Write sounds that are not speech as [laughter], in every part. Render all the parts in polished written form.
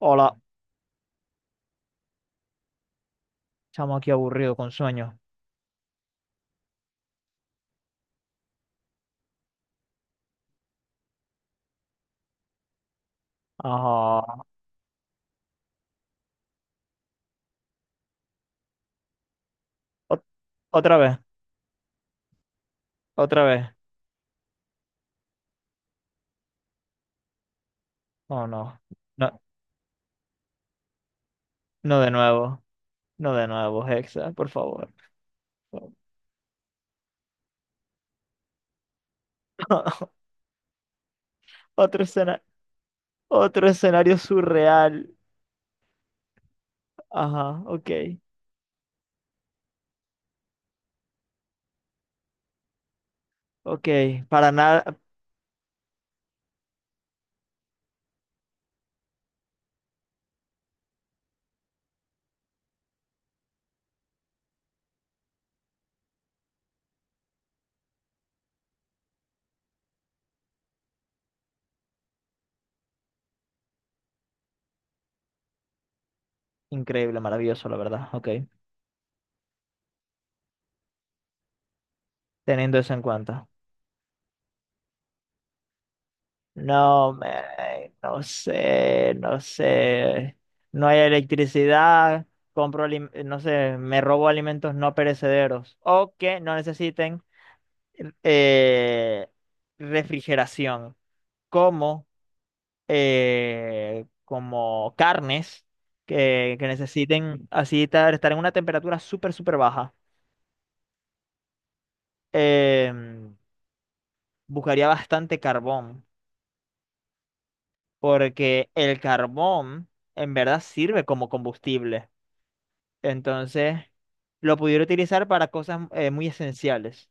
Hola, chamo aquí aburrido con sueño. Ajá. Ot- otra vez, otra vez. Oh, no. No, no de nuevo. No de nuevo, Hexa, por favor. [laughs] Otro escena, otro escenario surreal. Ajá, ok. Ok. Para nada. Increíble, maravilloso, la verdad. Ok. Teniendo eso en cuenta. No, me no sé, no sé. No hay electricidad, compro, no sé, me robo alimentos no perecederos o que no necesiten eh, refrigeración, como, como carnes que necesiten así estar en una temperatura súper, súper baja. Em, buscaría bastante carbón, porque el carbón en verdad sirve como combustible. Entonces, lo pudiera utilizar para cosas muy esenciales,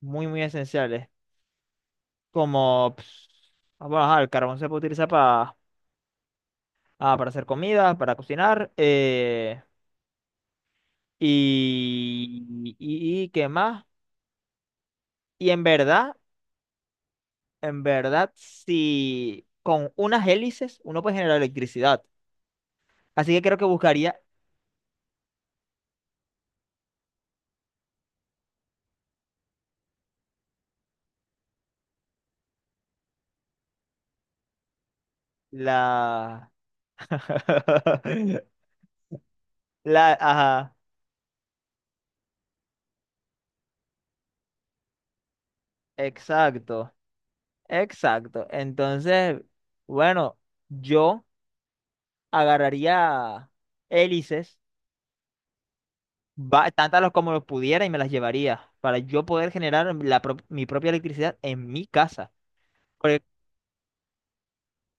muy, muy esenciales, como, pues, ah, bueno, ajá, el carbón se puede utilizar para, ah, para hacer comida, para cocinar, y qué más. Y en verdad, si con unas hélices uno puede generar electricidad. Así que creo que buscaría la... [laughs] Ajá, exacto. Exacto. Entonces, bueno, yo agarraría hélices, tantas los como los pudiera y me las llevaría para yo poder generar mi propia electricidad en mi casa. Porque-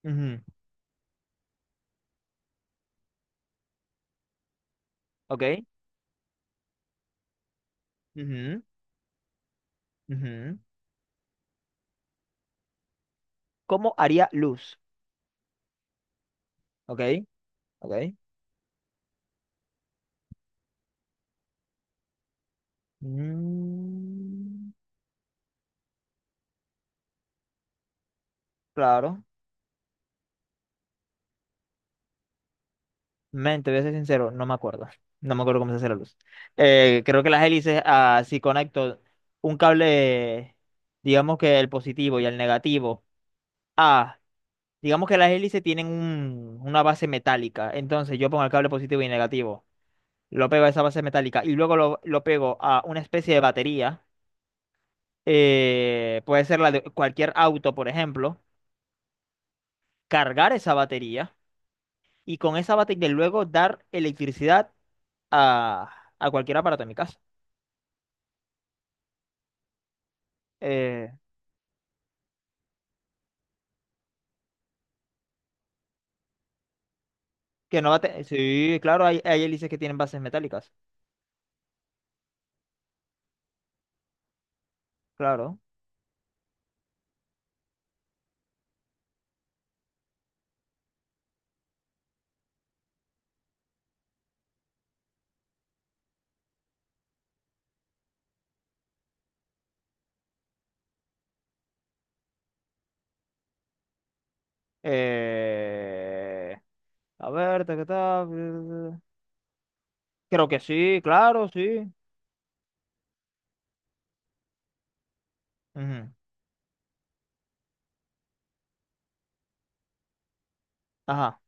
ujú, ¿ok? ujú, ujú. ¿Cómo haría luz? ¿Ok? ¿Ok? Mm, claro. Men, te voy a ser sincero, no me acuerdo. No me acuerdo cómo se hace la luz. Creo que las hélices, ah, si conecto un cable, digamos que el positivo y el negativo, ah, digamos que las hélices tienen una base metálica. Entonces yo pongo el cable positivo y negativo, lo pego a esa base metálica y luego lo pego a una especie de batería. Puede ser la de cualquier auto, por ejemplo. Cargar esa batería y con esa batería luego dar electricidad a cualquier aparato en mi casa. Eh, que no va a tener. Sí, claro, hay hélices que tienen bases metálicas. Claro. Eh, a ver, ta, ta, ta. Creo que sí, claro, sí. Ujú. Ajá,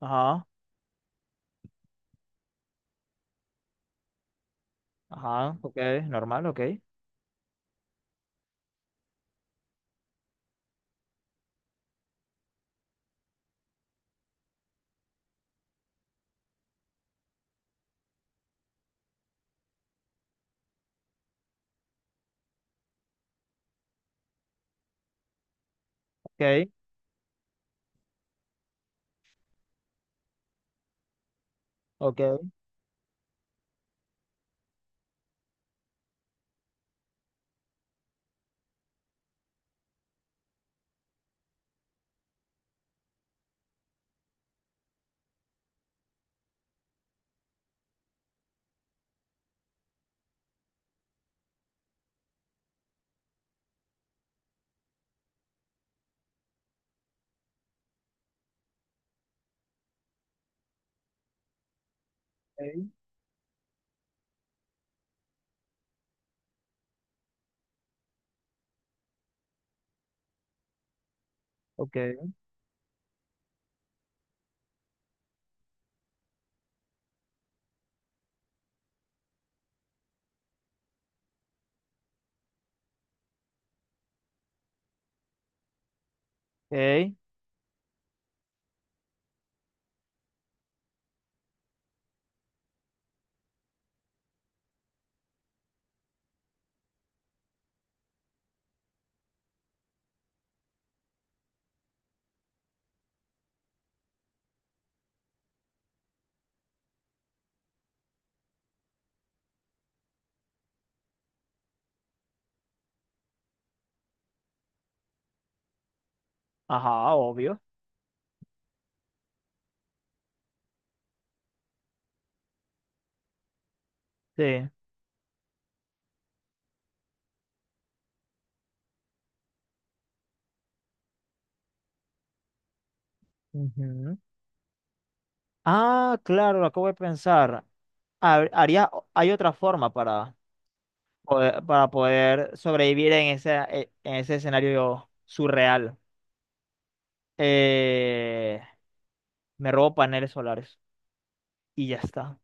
ajá, ajá. Ok, normal, ok. Ok, ok, ok, ok. Ok. Ajá, obvio. Sí. Ujú. Ah, claro, lo acabo de pensar. Haría, hay otra forma para poder sobrevivir en ese escenario surreal. eh, me robo paneles solares y ya está.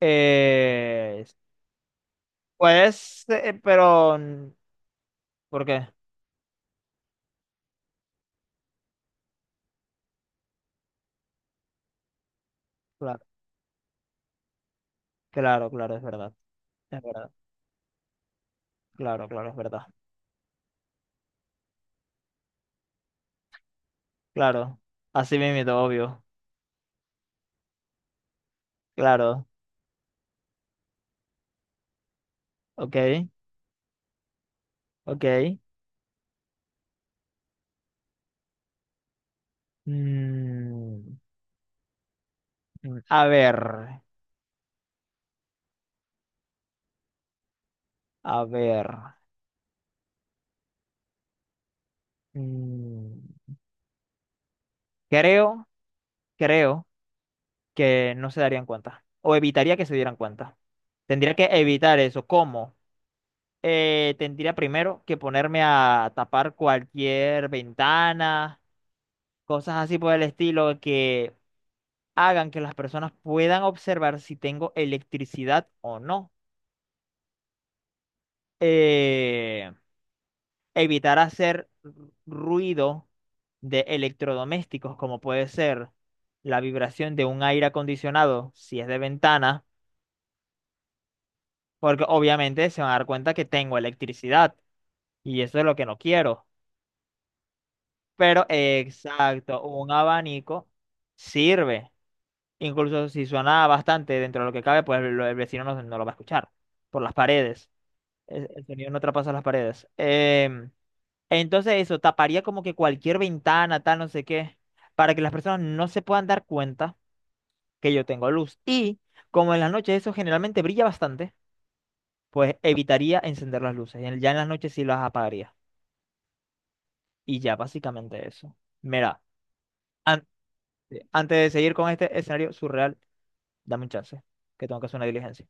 Eh, pues, pero, mm, ¿por qué? Claro, claro, claro, es verdad, claro, claro, es verdad, claro, así mismo, obvio, claro, ok, ok. Mm, mm, a ver, mm, creo, creo que no se darían cuenta, o evitaría que se dieran cuenta. Tendría que evitar eso, ¿cómo? Tendría primero que ponerme a tapar cualquier ventana, cosas así por el estilo que hagan que las personas puedan observar si tengo electricidad o no. Eh, evitar hacer ruido de electrodomésticos, como puede ser la vibración de un aire acondicionado, si es de ventana, porque obviamente se van a dar cuenta que tengo electricidad y eso es lo que no quiero. Pero exacto, un abanico sirve. Incluso si suena bastante dentro de lo que cabe, pues el vecino no, no lo va a escuchar por las paredes. El sonido no traspasa las paredes. Entonces eso, taparía como que cualquier ventana, tal, no sé qué, para que las personas no se puedan dar cuenta que yo tengo luz. Y como en las noches eso generalmente brilla bastante, pues evitaría encender las luces. Ya en las noches sí las apagaría. Y ya básicamente eso. Mira. Sí. Antes de seguir con este escenario surreal, dame un chance, que tengo que hacer una diligencia.